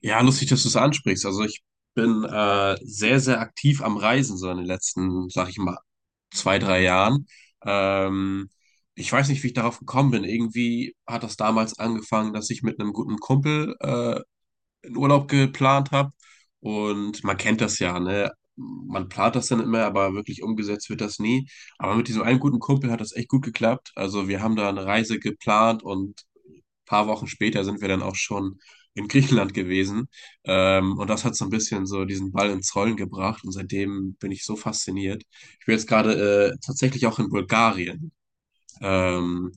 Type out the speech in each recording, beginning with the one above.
Ja, lustig, dass du es ansprichst. Also ich bin sehr, sehr aktiv am Reisen, so in den letzten, sag ich mal, zwei, drei Jahren. Ähm, ich weiß nicht, wie ich darauf gekommen bin. Irgendwie hat das damals angefangen, dass ich mit einem guten Kumpel einen Urlaub geplant habe. Und man kennt das ja, ne? Man plant das dann immer, aber wirklich umgesetzt wird das nie. Aber mit diesem einen guten Kumpel hat das echt gut geklappt. Also wir haben da eine Reise geplant und paar Wochen später sind wir dann auch schon in Griechenland gewesen. Und das hat so ein bisschen so diesen Ball ins Rollen gebracht. Und seitdem bin ich so fasziniert. Ich bin jetzt gerade tatsächlich auch in Bulgarien. Ähm,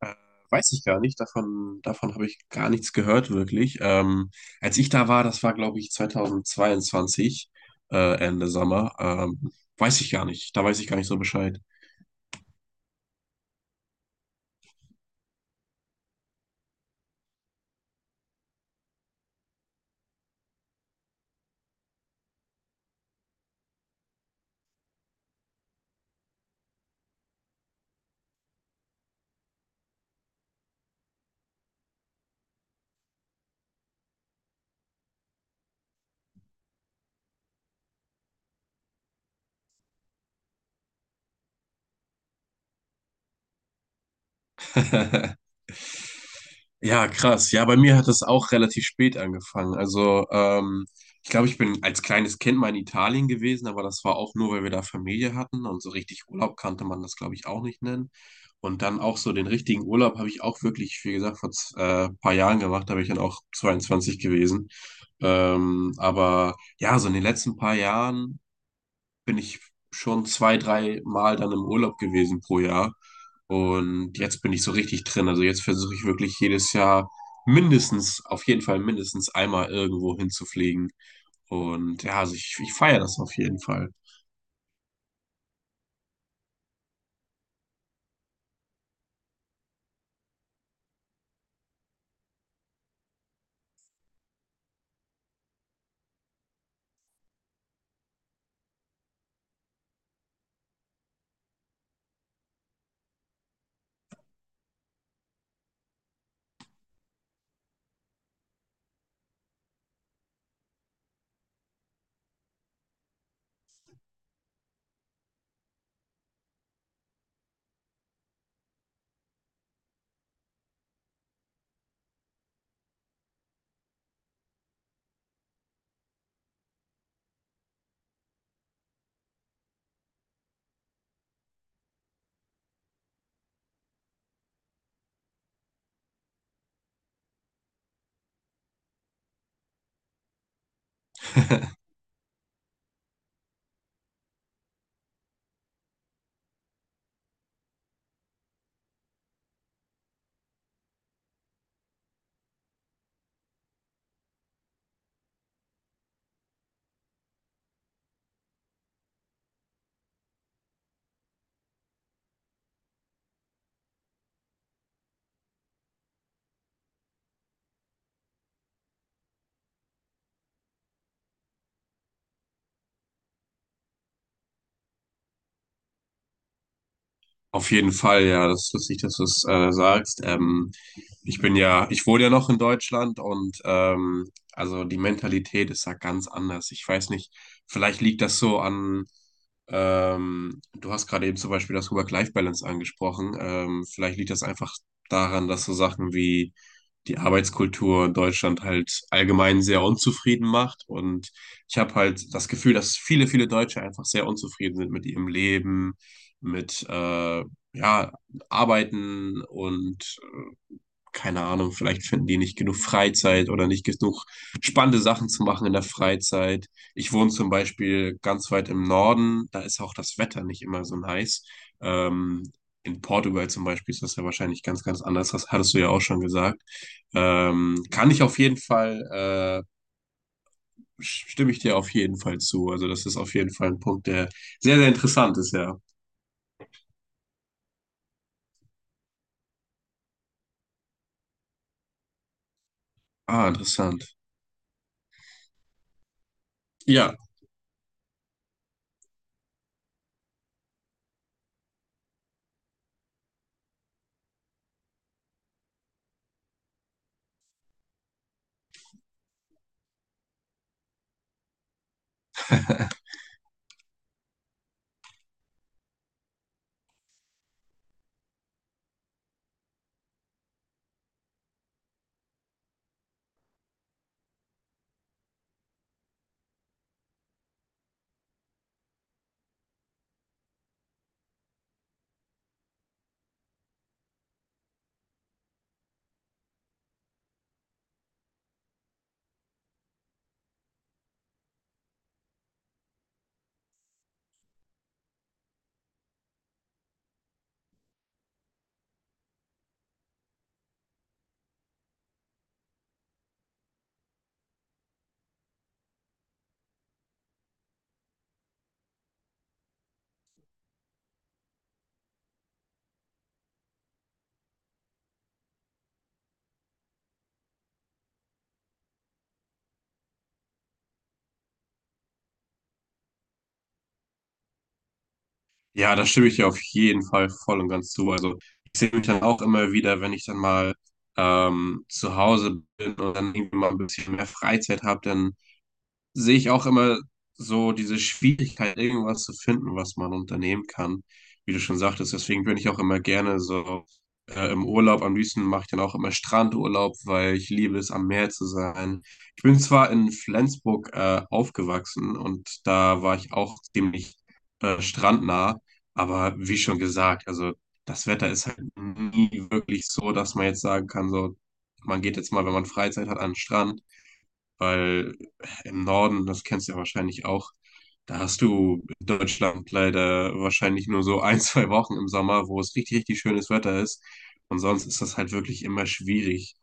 äh, weiß ich gar nicht. Davon habe ich gar nichts gehört, wirklich. Als ich da war, das war, glaube ich, 2022, Ende Sommer. Weiß ich gar nicht. Da weiß ich gar nicht so Bescheid. Ja, krass. Ja, bei mir hat das auch relativ spät angefangen. Also, ich glaube, ich bin als kleines Kind mal in Italien gewesen, aber das war auch nur, weil wir da Familie hatten und so richtig Urlaub kannte man das, glaube ich, auch nicht nennen. Und dann auch so den richtigen Urlaub habe ich auch wirklich, wie gesagt, paar Jahren gemacht, da bin ich dann auch 22 gewesen. Aber ja, so in den letzten paar Jahren bin ich schon zwei, drei Mal dann im Urlaub gewesen pro Jahr. Und jetzt bin ich so richtig drin. Also jetzt versuche ich wirklich jedes Jahr mindestens, auf jeden Fall mindestens einmal irgendwo hinzufliegen. Und ja, also ich feiere das auf jeden Fall. Auf jeden Fall, ja, das ist lustig, dass du es sagst. Ich bin ja, ich wohne ja noch in Deutschland und also die Mentalität ist da ganz anders. Ich weiß nicht, vielleicht liegt das so an, du hast gerade eben zum Beispiel das Work-Life-Balance angesprochen. Vielleicht liegt das einfach daran, dass so Sachen wie die Arbeitskultur in Deutschland halt allgemein sehr unzufrieden macht. Und ich habe halt das Gefühl, dass viele, viele Deutsche einfach sehr unzufrieden sind mit ihrem Leben mit ja, arbeiten und keine Ahnung, vielleicht finden die nicht genug Freizeit oder nicht genug spannende Sachen zu machen in der Freizeit. Ich wohne zum Beispiel ganz weit im Norden, da ist auch das Wetter nicht immer so nice. Ähm, in Portugal zum Beispiel ist das ja wahrscheinlich ganz, ganz anders. Das hattest du ja auch schon gesagt. Kann ich auf jeden Fall, stimme ich dir auf jeden Fall zu. Also das ist auf jeden Fall ein Punkt, der sehr, sehr interessant ist, ja. Ah, interessant. Ja, ja, da stimme ich dir auf jeden Fall voll und ganz zu. Also ich sehe mich dann auch immer wieder, wenn ich dann mal zu Hause bin und dann irgendwie mal ein bisschen mehr Freizeit habe, dann sehe ich auch immer so diese Schwierigkeit, irgendwas zu finden, was man unternehmen kann, wie du schon sagtest. Deswegen bin ich auch immer gerne so im Urlaub. Am liebsten mache ich dann auch immer Strandurlaub, weil ich liebe es, am Meer zu sein. Ich bin zwar in Flensburg aufgewachsen und da war ich auch ziemlich strandnah, aber wie schon gesagt, also das Wetter ist halt nie wirklich so, dass man jetzt sagen kann, so man geht jetzt mal, wenn man Freizeit hat, an den Strand, weil im Norden, das kennst du ja wahrscheinlich auch, da hast du in Deutschland leider wahrscheinlich nur so ein, zwei Wochen im Sommer, wo es richtig, richtig schönes Wetter ist. Und sonst ist das halt wirklich immer schwierig.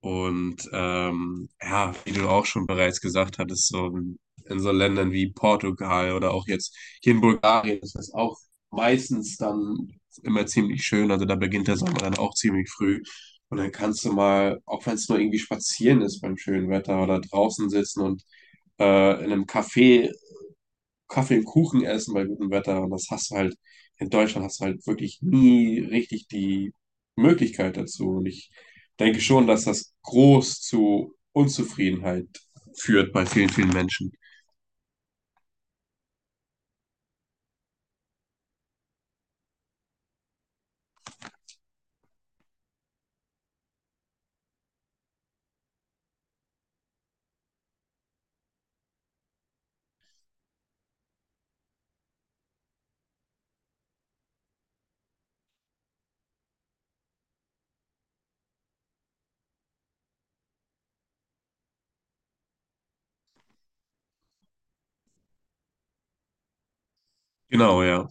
Und ja, wie du auch schon bereits gesagt hattest, in so Ländern wie Portugal oder auch jetzt hier in Bulgarien ist das auch meistens dann immer ziemlich schön. Also da beginnt der Sommer dann auch ziemlich früh. Und dann kannst du mal, auch wenn es nur irgendwie spazieren ist beim schönen Wetter oder draußen sitzen und in einem Café Kaffee und Kuchen essen bei gutem Wetter. Und das hast du halt, in Deutschland hast du halt wirklich nie richtig die Möglichkeit dazu. Und ich denke schon, dass das groß zu Unzufriedenheit führt bei vielen, vielen Menschen. Genau, ja.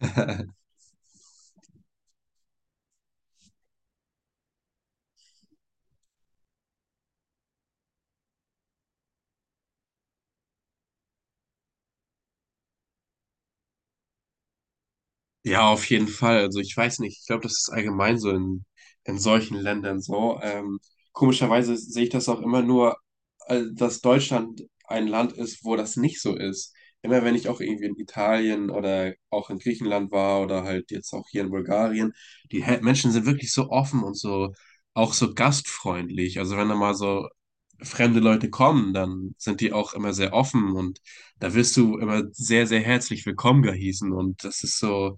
Ja, auf jeden Fall. Also ich weiß nicht, ich glaube, das ist allgemein in solchen Ländern so. Komischerweise sehe ich das auch immer nur, dass Deutschland ein Land ist, wo das nicht so ist. Immer wenn ich auch irgendwie in Italien oder auch in Griechenland war oder halt jetzt auch hier in Bulgarien, die Menschen sind wirklich so offen und so auch so gastfreundlich. Also wenn da mal so fremde Leute kommen, dann sind die auch immer sehr offen und da wirst du immer sehr, sehr herzlich willkommen geheißen und das ist so,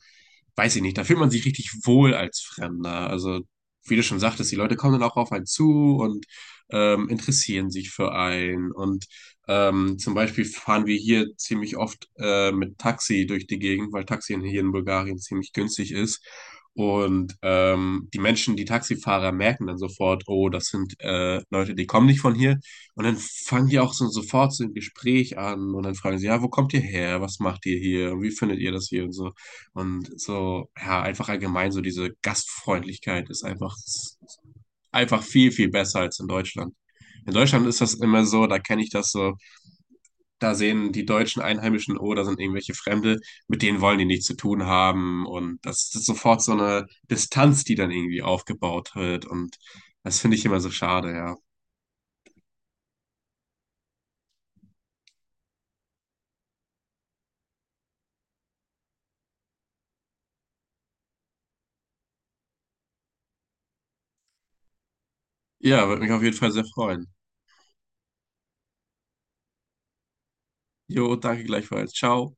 weiß ich nicht, da fühlt man sich richtig wohl als Fremder. Also, wie du schon sagtest, die Leute kommen dann auch auf einen zu und interessieren sich für einen. Und zum Beispiel fahren wir hier ziemlich oft mit Taxi durch die Gegend, weil Taxi hier in Bulgarien ziemlich günstig ist. Und die Menschen, die Taxifahrer, merken dann sofort, oh, das sind Leute, die kommen nicht von hier. Und dann fangen die auch so, sofort so ein Gespräch an und dann fragen sie, ja, wo kommt ihr her? Was macht ihr hier? Und wie findet ihr das hier? Und so. Und so, ja, einfach allgemein, so diese Gastfreundlichkeit ist einfach viel, viel besser als in Deutschland. In Deutschland ist das immer so, da kenne ich das so, da sehen die deutschen Einheimischen, oh, da sind irgendwelche Fremde, mit denen wollen die nichts zu tun haben. Und das ist sofort so eine Distanz, die dann irgendwie aufgebaut wird. Und das finde ich immer so schade, ja. Ja, würde mich auf jeden Fall sehr freuen. Jo, danke gleichfalls. Ciao.